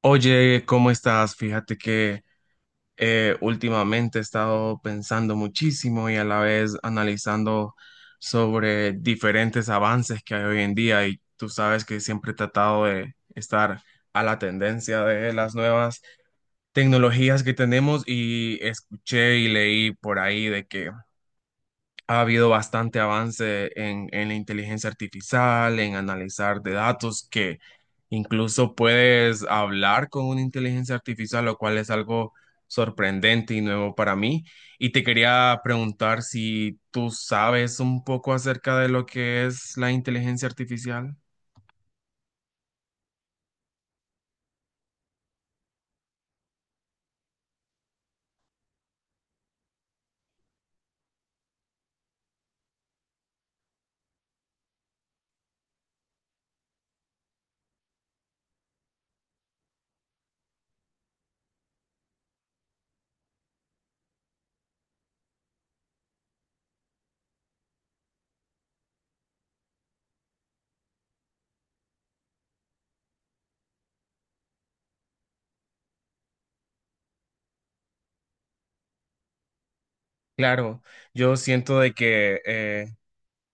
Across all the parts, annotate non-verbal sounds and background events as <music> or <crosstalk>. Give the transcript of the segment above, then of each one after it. Oye, ¿cómo estás? Fíjate que últimamente he estado pensando muchísimo y a la vez analizando sobre diferentes avances que hay hoy en día y tú sabes que siempre he tratado de estar a la tendencia de las nuevas tecnologías que tenemos y escuché y leí por ahí de que ha habido bastante avance en la inteligencia artificial, en analizar de datos, que incluso puedes hablar con una inteligencia artificial, lo cual es algo sorprendente y nuevo para mí. Y te quería preguntar si tú sabes un poco acerca de lo que es la inteligencia artificial. Claro, yo siento de que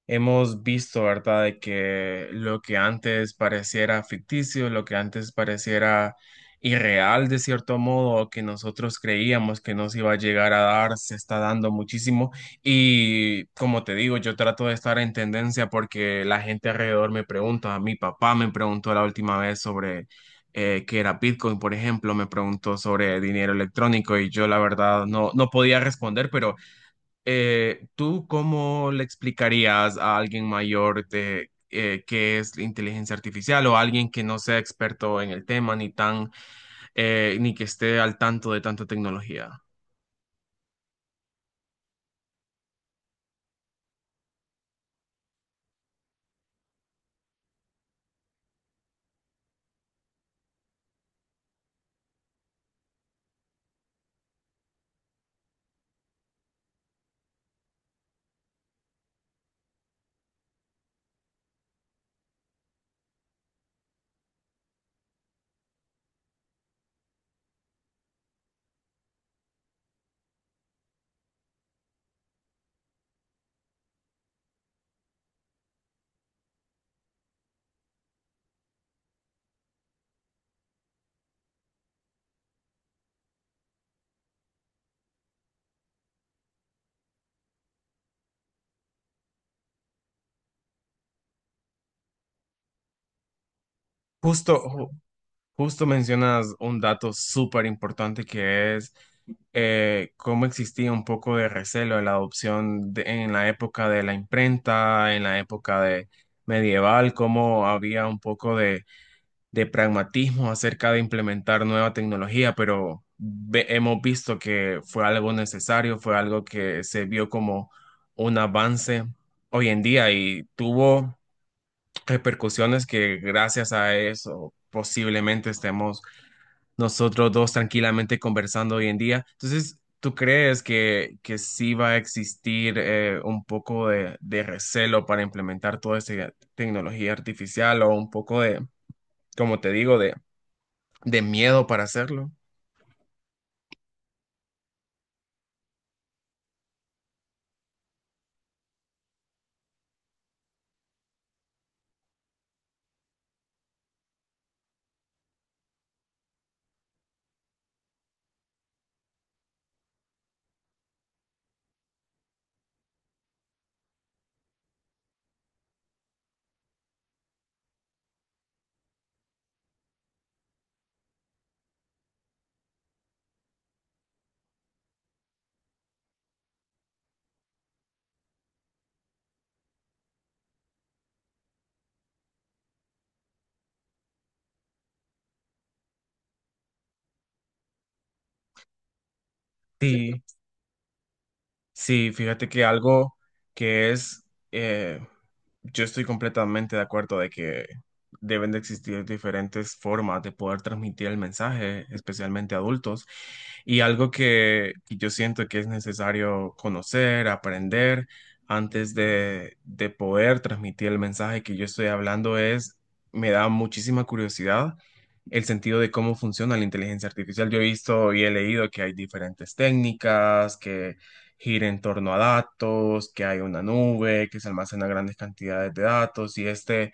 hemos visto, ¿verdad?, de que lo que antes pareciera ficticio, lo que antes pareciera irreal de cierto modo, o que nosotros creíamos que nos iba a llegar a dar, se está dando muchísimo. Y como te digo, yo trato de estar en tendencia porque la gente alrededor me pregunta, mi papá me preguntó la última vez sobre qué era Bitcoin, por ejemplo, me preguntó sobre dinero electrónico y yo la verdad no, no podía responder, pero ¿tú cómo le explicarías a alguien mayor de qué es la inteligencia artificial o alguien que no sea experto en el tema ni tan ni que esté al tanto de tanta tecnología? Justo, ju- justo mencionas un dato súper importante que es cómo existía un poco de recelo en la adopción en la época de la imprenta, en la época de medieval, cómo había un poco de pragmatismo acerca de implementar nueva tecnología, pero hemos visto que fue algo necesario, fue algo que se vio como un avance hoy en día y tuvo repercusiones que gracias a eso posiblemente estemos nosotros dos tranquilamente conversando hoy en día. Entonces, ¿tú crees que sí va a existir un poco de recelo para implementar toda esta tecnología artificial o un poco de, como te digo, de miedo para hacerlo? Sí, sí, fíjate que algo que es, eh, yo estoy completamente de acuerdo de que deben de existir diferentes formas de poder transmitir el mensaje, especialmente a adultos, y algo que yo siento que es necesario conocer, aprender antes de poder transmitir el mensaje que yo estoy hablando es, me da muchísima curiosidad el sentido de cómo funciona la inteligencia artificial. Yo he visto y he leído que hay diferentes técnicas, que gira en torno a datos, que hay una nube, que se almacena grandes cantidades de datos y este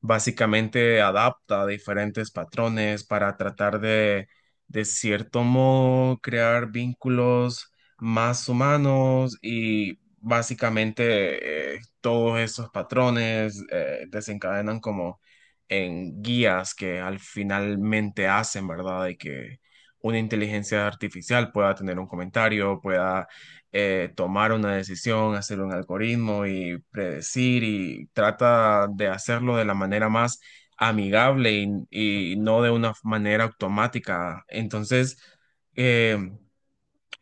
básicamente adapta diferentes patrones para tratar de cierto modo, crear vínculos más humanos y básicamente todos esos patrones desencadenan como en guías que al finalmente hacen, ¿verdad? De que una inteligencia artificial pueda tener un comentario, pueda tomar una decisión, hacer un algoritmo y predecir y trata de hacerlo de la manera más amigable y no de una manera automática. Entonces, eh,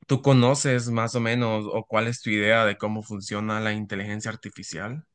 ¿tú conoces más o menos o cuál es tu idea de cómo funciona la inteligencia artificial?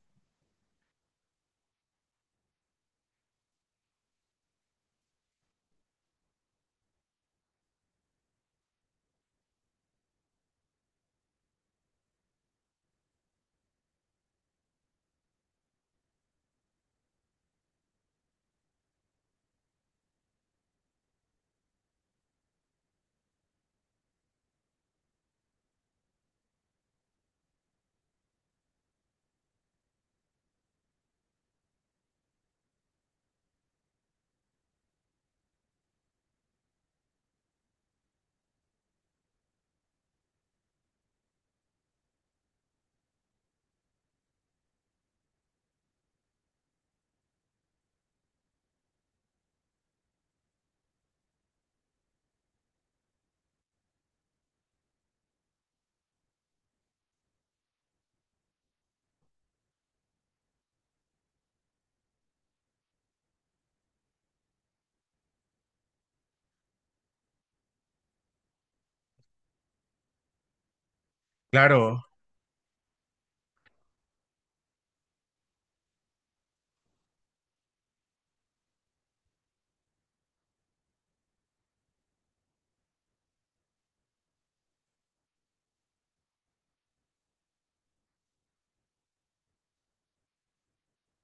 Claro,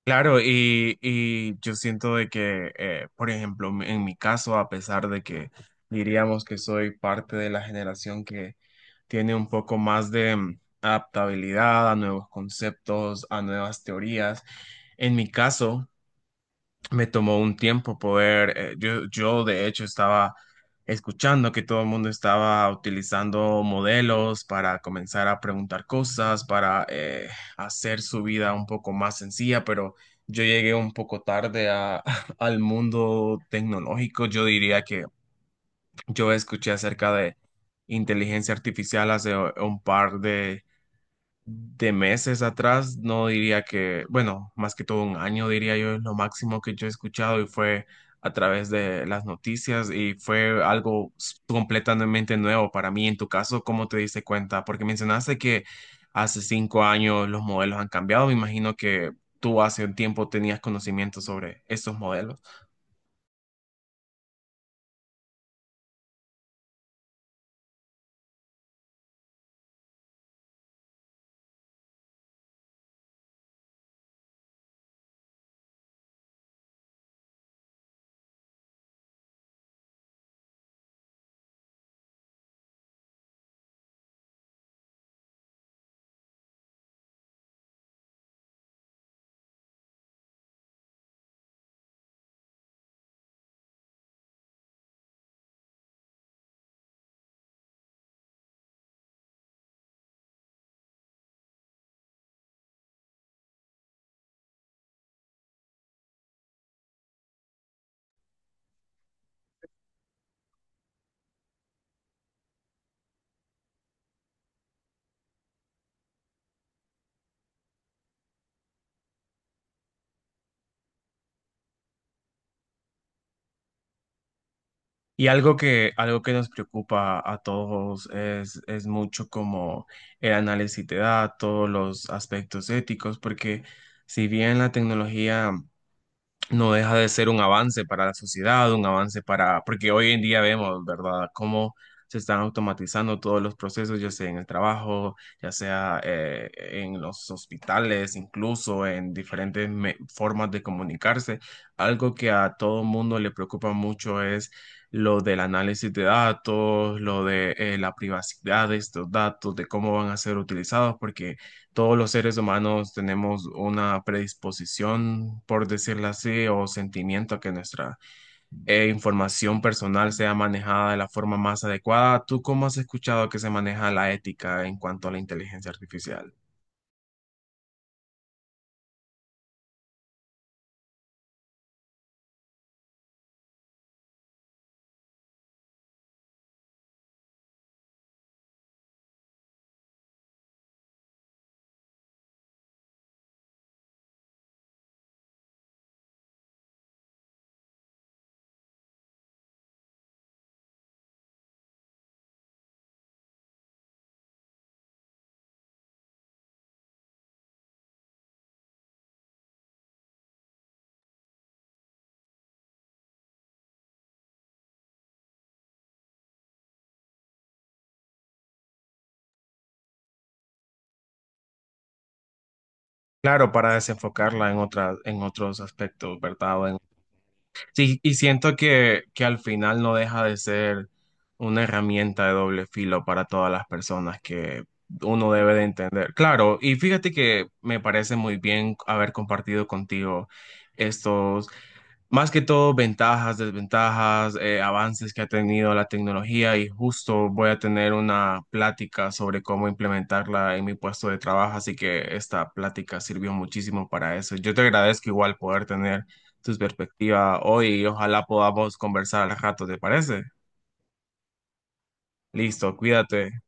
claro, y yo siento de que, por ejemplo, en mi caso, a pesar de que diríamos que soy parte de la generación que tiene un poco más de adaptabilidad a nuevos conceptos, a nuevas teorías, en mi caso, me tomó un tiempo poder, yo de hecho estaba escuchando que todo el mundo estaba utilizando modelos para comenzar a preguntar cosas, para hacer su vida un poco más sencilla, pero yo llegué un poco tarde <laughs> al mundo tecnológico. Yo diría que yo escuché acerca de inteligencia artificial hace un par de meses atrás, no diría que, bueno, más que todo un año, diría yo, es lo máximo que yo he escuchado y fue a través de las noticias y fue algo completamente nuevo para mí. En tu caso, ¿cómo te diste cuenta? Porque mencionaste que hace 5 años los modelos han cambiado. Me imagino que tú hace un tiempo tenías conocimiento sobre estos modelos. Y algo que nos preocupa a todos es mucho como el análisis de datos, los aspectos éticos, porque si bien la tecnología no deja de ser un avance para la sociedad, un avance para, porque hoy en día vemos, ¿verdad?, cómo se están automatizando todos los procesos, ya sea en el trabajo, ya sea en los hospitales, incluso en diferentes formas de comunicarse. Algo que a todo mundo le preocupa mucho es lo del análisis de datos, lo de la privacidad de estos datos, de cómo van a ser utilizados, porque todos los seres humanos tenemos una predisposición, por decirlo así, o sentimiento a que nuestra información personal sea manejada de la forma más adecuada. ¿Tú cómo has escuchado que se maneja la ética en cuanto a la inteligencia artificial? Claro, para desenfocarla en otras, en otros aspectos, ¿verdad? O en sí, y siento que al final no deja de ser una herramienta de doble filo para todas las personas que uno debe de entender. Claro, y fíjate que me parece muy bien haber compartido contigo estos más que todo, ventajas, desventajas, avances que ha tenido la tecnología y justo voy a tener una plática sobre cómo implementarla en mi puesto de trabajo, así que esta plática sirvió muchísimo para eso. Yo te agradezco igual poder tener tus perspectivas hoy y ojalá podamos conversar al rato, ¿te parece? Listo, cuídate.